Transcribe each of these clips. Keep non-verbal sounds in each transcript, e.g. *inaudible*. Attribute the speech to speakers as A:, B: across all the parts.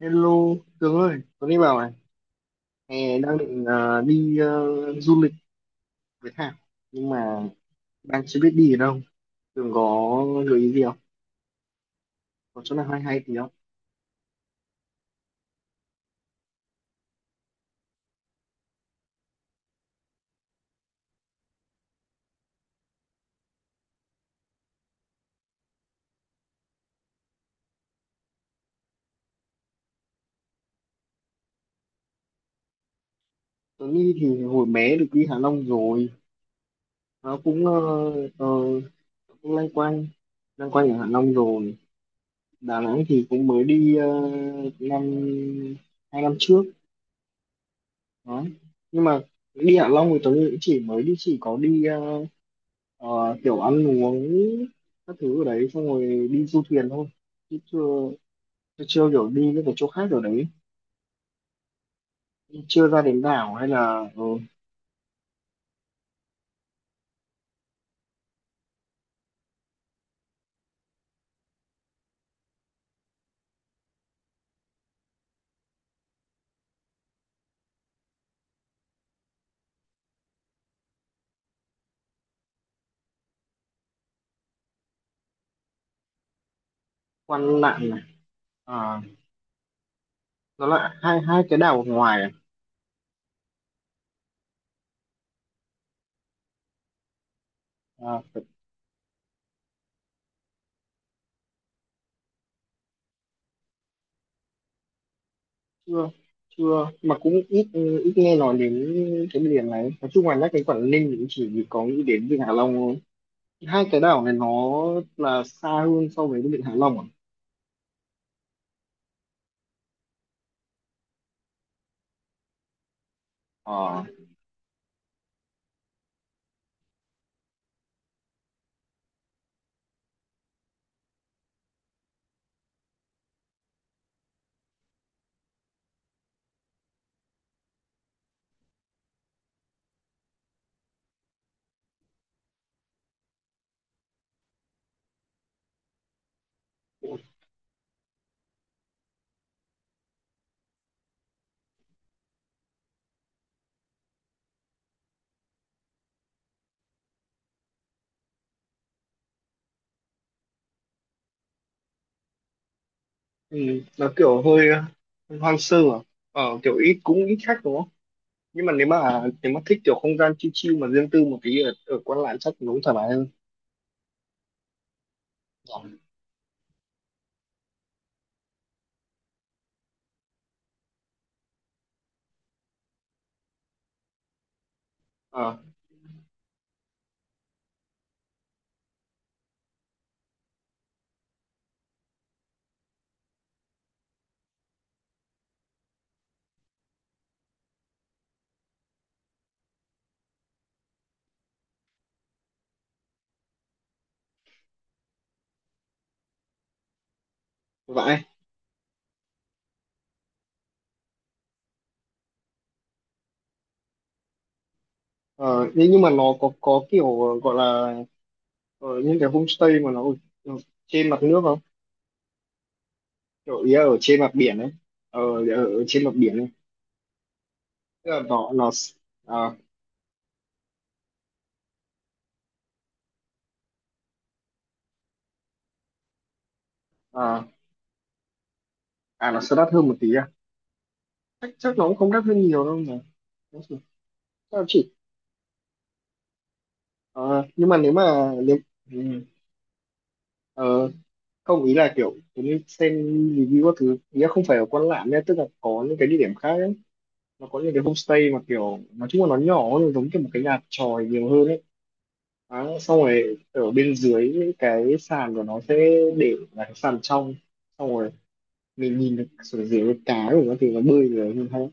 A: Hello, Tường ơi, Tuấn đi bảo này, hè đang định đi du lịch với Thảo, nhưng mà đang chưa biết đi ở đâu. Tường có gợi ý gì không? Có chỗ nào hay hay thì không? Tuấn đi thì hồi bé được đi Hạ Long rồi, nó cũng ờ, cũng loanh quanh ở Hạ Long rồi. Đà Nẵng thì cũng mới đi năm hai năm trước, đó. Nhưng mà đi Hạ Long thì Tuấn cũng chỉ có đi Ờ, kiểu ăn uống các thứ ở đấy xong rồi đi du thuyền thôi chứ chưa chưa, chưa kiểu đi những cái chỗ khác ở đấy, chưa ra đến đảo hay là ờ, Quan Lạn này à, nó là hai hai cái đảo ngoài à, à phải- chưa chưa mà cũng ít ít nghe nói đến cái miền này. Nói chung là nhắc đến Quảng Ninh thì cũng chỉ có nghĩ đến Vịnh Hạ Long thôi. Hai cái đảo này nó là xa hơn so với cái Vịnh Hạ Long à, Ờ, ừ, nó kiểu hơi hoang sơ à. Ờ, kiểu ít, cũng ít khách đúng không? Nhưng mà nếu mà thích kiểu không gian chill chill mà riêng tư một tí, ở Quan Lạn chắc nó thoải mái hơn. Ờ, vậy. Ờ, nhưng mà nó có kiểu gọi là ờ, những cái homestay mà nó ở ở trên mặt nước không, kiểu ý là ở trên mặt biển ấy, ờ, ở trên mặt biển ấy, tức là nó à, à, à nó sẽ đắt hơn một tí à? Chắc chắc nó cũng không đắt hơn nhiều đâu mà. Chắc là chỉ ờ, nhưng mà nếu mà ừ. ờ, Không, ý là kiểu giống như xem review các thứ, nghĩa không phải ở Quan Lạn nhé, tức là có những cái địa điểm khác ấy, nó có những cái homestay mà kiểu nói chung là nó nhỏ, nó giống kiểu một cái nhà chòi nhiều hơn ấy. À, xong rồi ở bên dưới cái sàn của nó sẽ để là cái sàn trong, xong rồi mình nhìn được xuống dưới cái cá của nó thì nó bơi rồi nhìn thấy.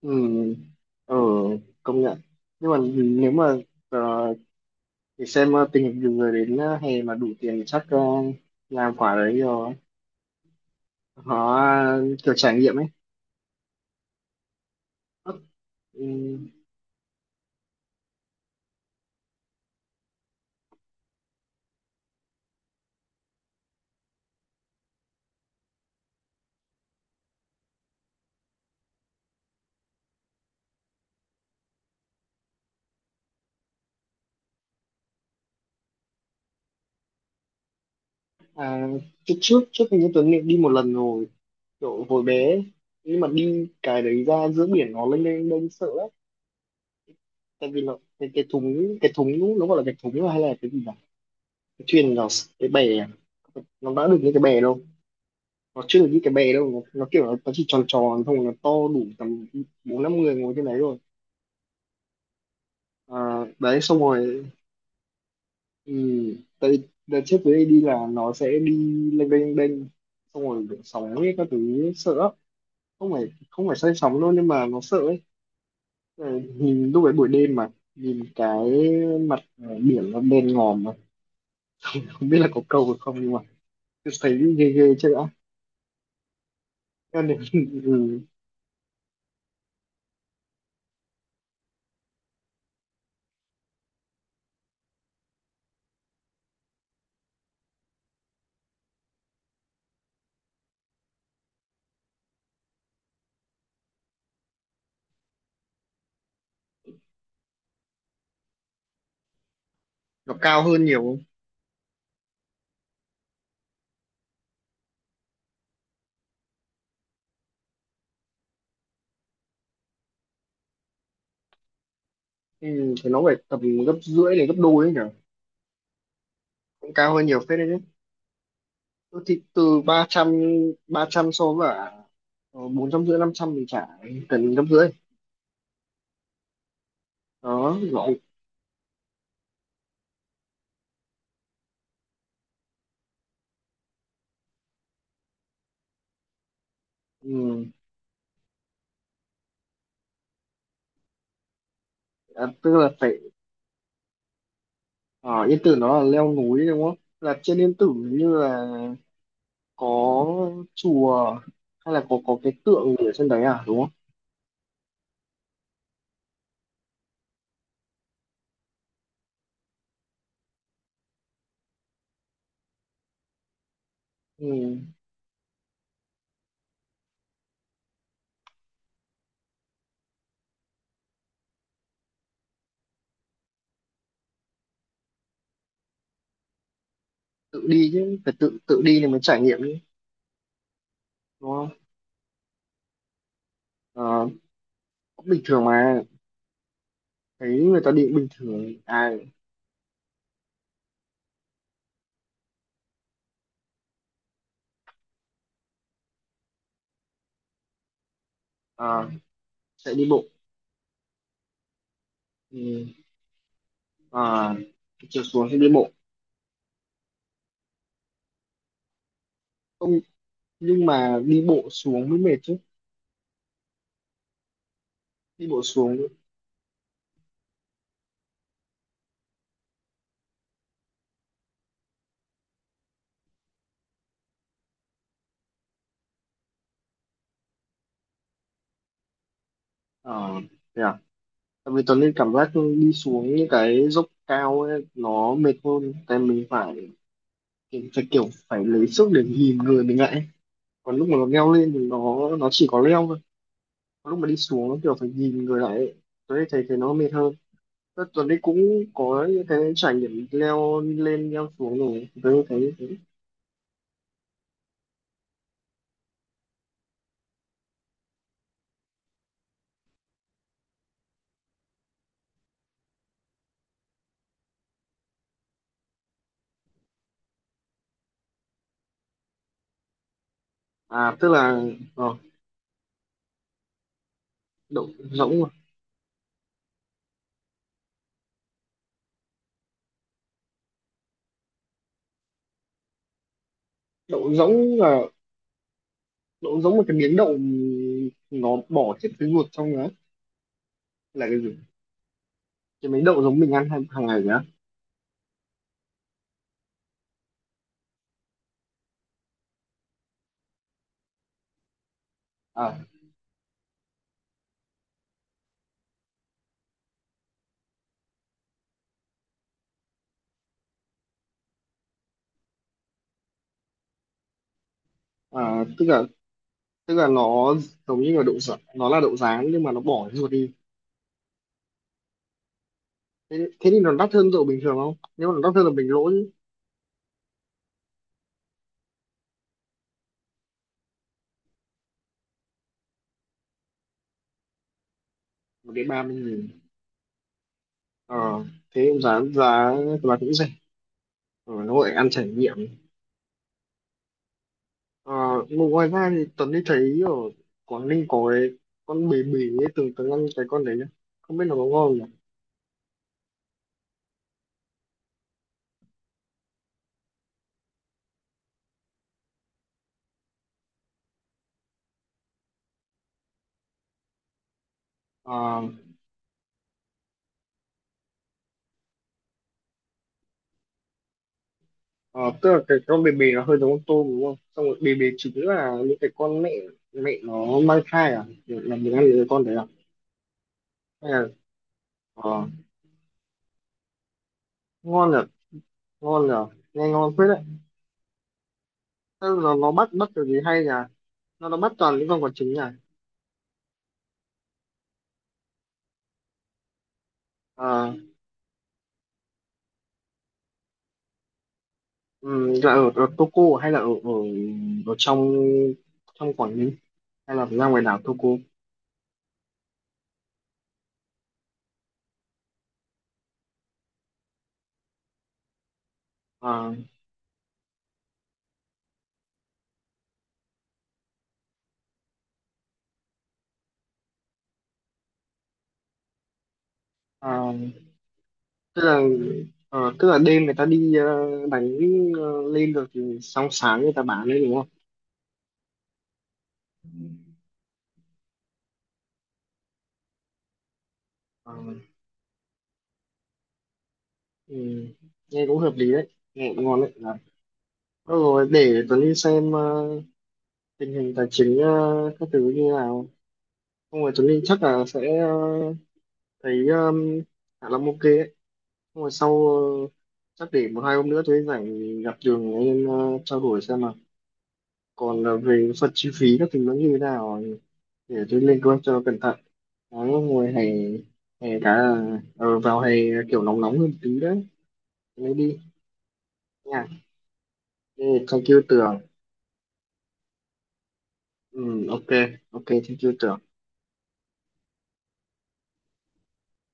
A: Ừ, ờ, công nhận. Nhưng mà nếu mà ờ, thì xem tình hình nhiều người đến hè mà đủ tiền thì chắc làm quả đấy rồi, họ à, kiểu trải nghiệm ấy. Ừ. À, trước trước trước hình như Tuấn đi một lần rồi, kiểu hồi bé ấy. Nhưng mà đi cái đấy ra giữa biển nó lên lên lên sợ lắm, tại vì là cái thúng, nó gọi là cái thúng hay là cái gì nhỉ, cái thuyền nó, cái bè à? Nó đã được như cái bè đâu, nó chưa được như cái bè đâu, nó kiểu nó chỉ tròn tròn thôi, nó to đủ tầm bốn năm người ngồi trên đấy rồi à, đấy xong rồi. Ừ, tại đợt trước với AD là nó sẽ đi lênh đênh, xong rồi kiểu sóng ấy các thứ ấy, sợ lắm. Không phải, không phải say sóng đâu nhưng mà nó sợ ấy. Ờ, nhìn lúc ấy buổi đêm mà nhìn cái mặt biển nó đen ngòm mà không biết là có câu được không, nhưng mà cứ thấy ghê ghê chứ đã cho nên *laughs* ừ, nó cao hơn nhiều không? Ừ, thì nó phải tầm gấp rưỡi đến gấp đôi ấy nhỉ. Cũng cao hơn nhiều phết đấy chứ. Ừ, thì từ ba trăm, so với bốn trăm rưỡi, năm trăm thì chả cần gấp rưỡi. Đó gọi ừ. À, tức là phải ở Yên Tử, nó là leo núi đúng không, là trên Yên Tử như là có chùa, hay là có cái tượng gì ở trên đấy à, đúng không? Ừ. Tự đi chứ, phải tự tự đi thì mới trải nghiệm chứ, đúng không? Ờ, cũng bình thường mà, thấy người ta đi cũng bình thường ai. À, sẽ đi bộ. Ừ. À, chiều xuống sẽ đi bộ. Không, nhưng mà đi bộ xuống mới mệt chứ. Đi bộ xuống, ờ, thế à? Tại vì Tuấn Linh cảm giác đi xuống những cái dốc cao ấy, nó mệt hơn, tại mình phải, mình phải kiểu phải lấy sức để nhìn người mình lại ấy. Còn lúc mà nó leo lên thì nó chỉ có leo thôi, còn lúc mà đi xuống nó kiểu phải nhìn người lại ấy. Tuấn Linh thấy thấy nó mệt hơn. Thế Tuấn Linh cũng có những cái trải nghiệm leo lên leo xuống rồi, Tuấn Linh thấy như thế. À tức là ờ, đậu rỗng mà. Đậu rỗng là đậu rỗng, một cái miếng đậu nó bỏ hết cái ruột trong đó, là cái gì? Cái miếng đậu giống mình ăn hàng hàng ngày nhá. À. À, tức là, nó giống như là đậu rán, nó là đậu rán nhưng mà nó bỏ cái ruột đi. Thế, thế thì nó đắt hơn đậu bình thường không? Nếu mà nó đắt hơn là bình lỗ chứ. Một đến ba mươi nghìn. Ờ, thế cũng giá giá là cũng rẻ. Ờ, nó gọi là ăn trải nghiệm. Ờ, mà ngoài ra thì Tuấn đi thấy ở Quảng Ninh có cái con bì bì ấy, từng từng ăn cái con đấy nhá. Không biết nó có ngon không nhỉ? Ờ, ờ, tức là cái con bì bì nó hơi giống con tôm đúng không? Xong rồi bì bì chính là những cái con mẹ, mẹ nó mang thai à? Là mình ăn những cái con đấy à? Hay là ờ, ngon nhở, ngon nhở, nghe ngon phết đấy. Tức là nó bắt bắt cái gì hay nhỉ, nó bắt toàn những con quả trứng nhỉ. À, ừ, là ở Toko hay là ở ở ở trong, Quảng Ninh, hay là ra ngoài đảo Toko? À, à, tức là tức là đêm người ta đi đánh lên được thì sáng sáng người ta bán đấy đúng không? À, ừ, nghe cũng hợp lý đấy, nghe cũng ngon đấy à. Rồi để Tuấn đi xem tình hình tài chính các thứ như nào. Không rồi Tuấn Linh chắc là sẽ thấy Hạ Long ok đấy, nhưng mà sau chắc để một hai hôm nữa tôi rảnh thì gặp Đường em trao đổi xem, mà còn về phần chi phí các thứ nó như thế nào, để tôi lên kế hoạch cho nó cẩn thận. Nó ngồi hè, vào hè kiểu nóng, nóng hơn tí đấy lấy đi nha. Yeah, thank you Tường. Ừ, ok. Ok, thank you Tường.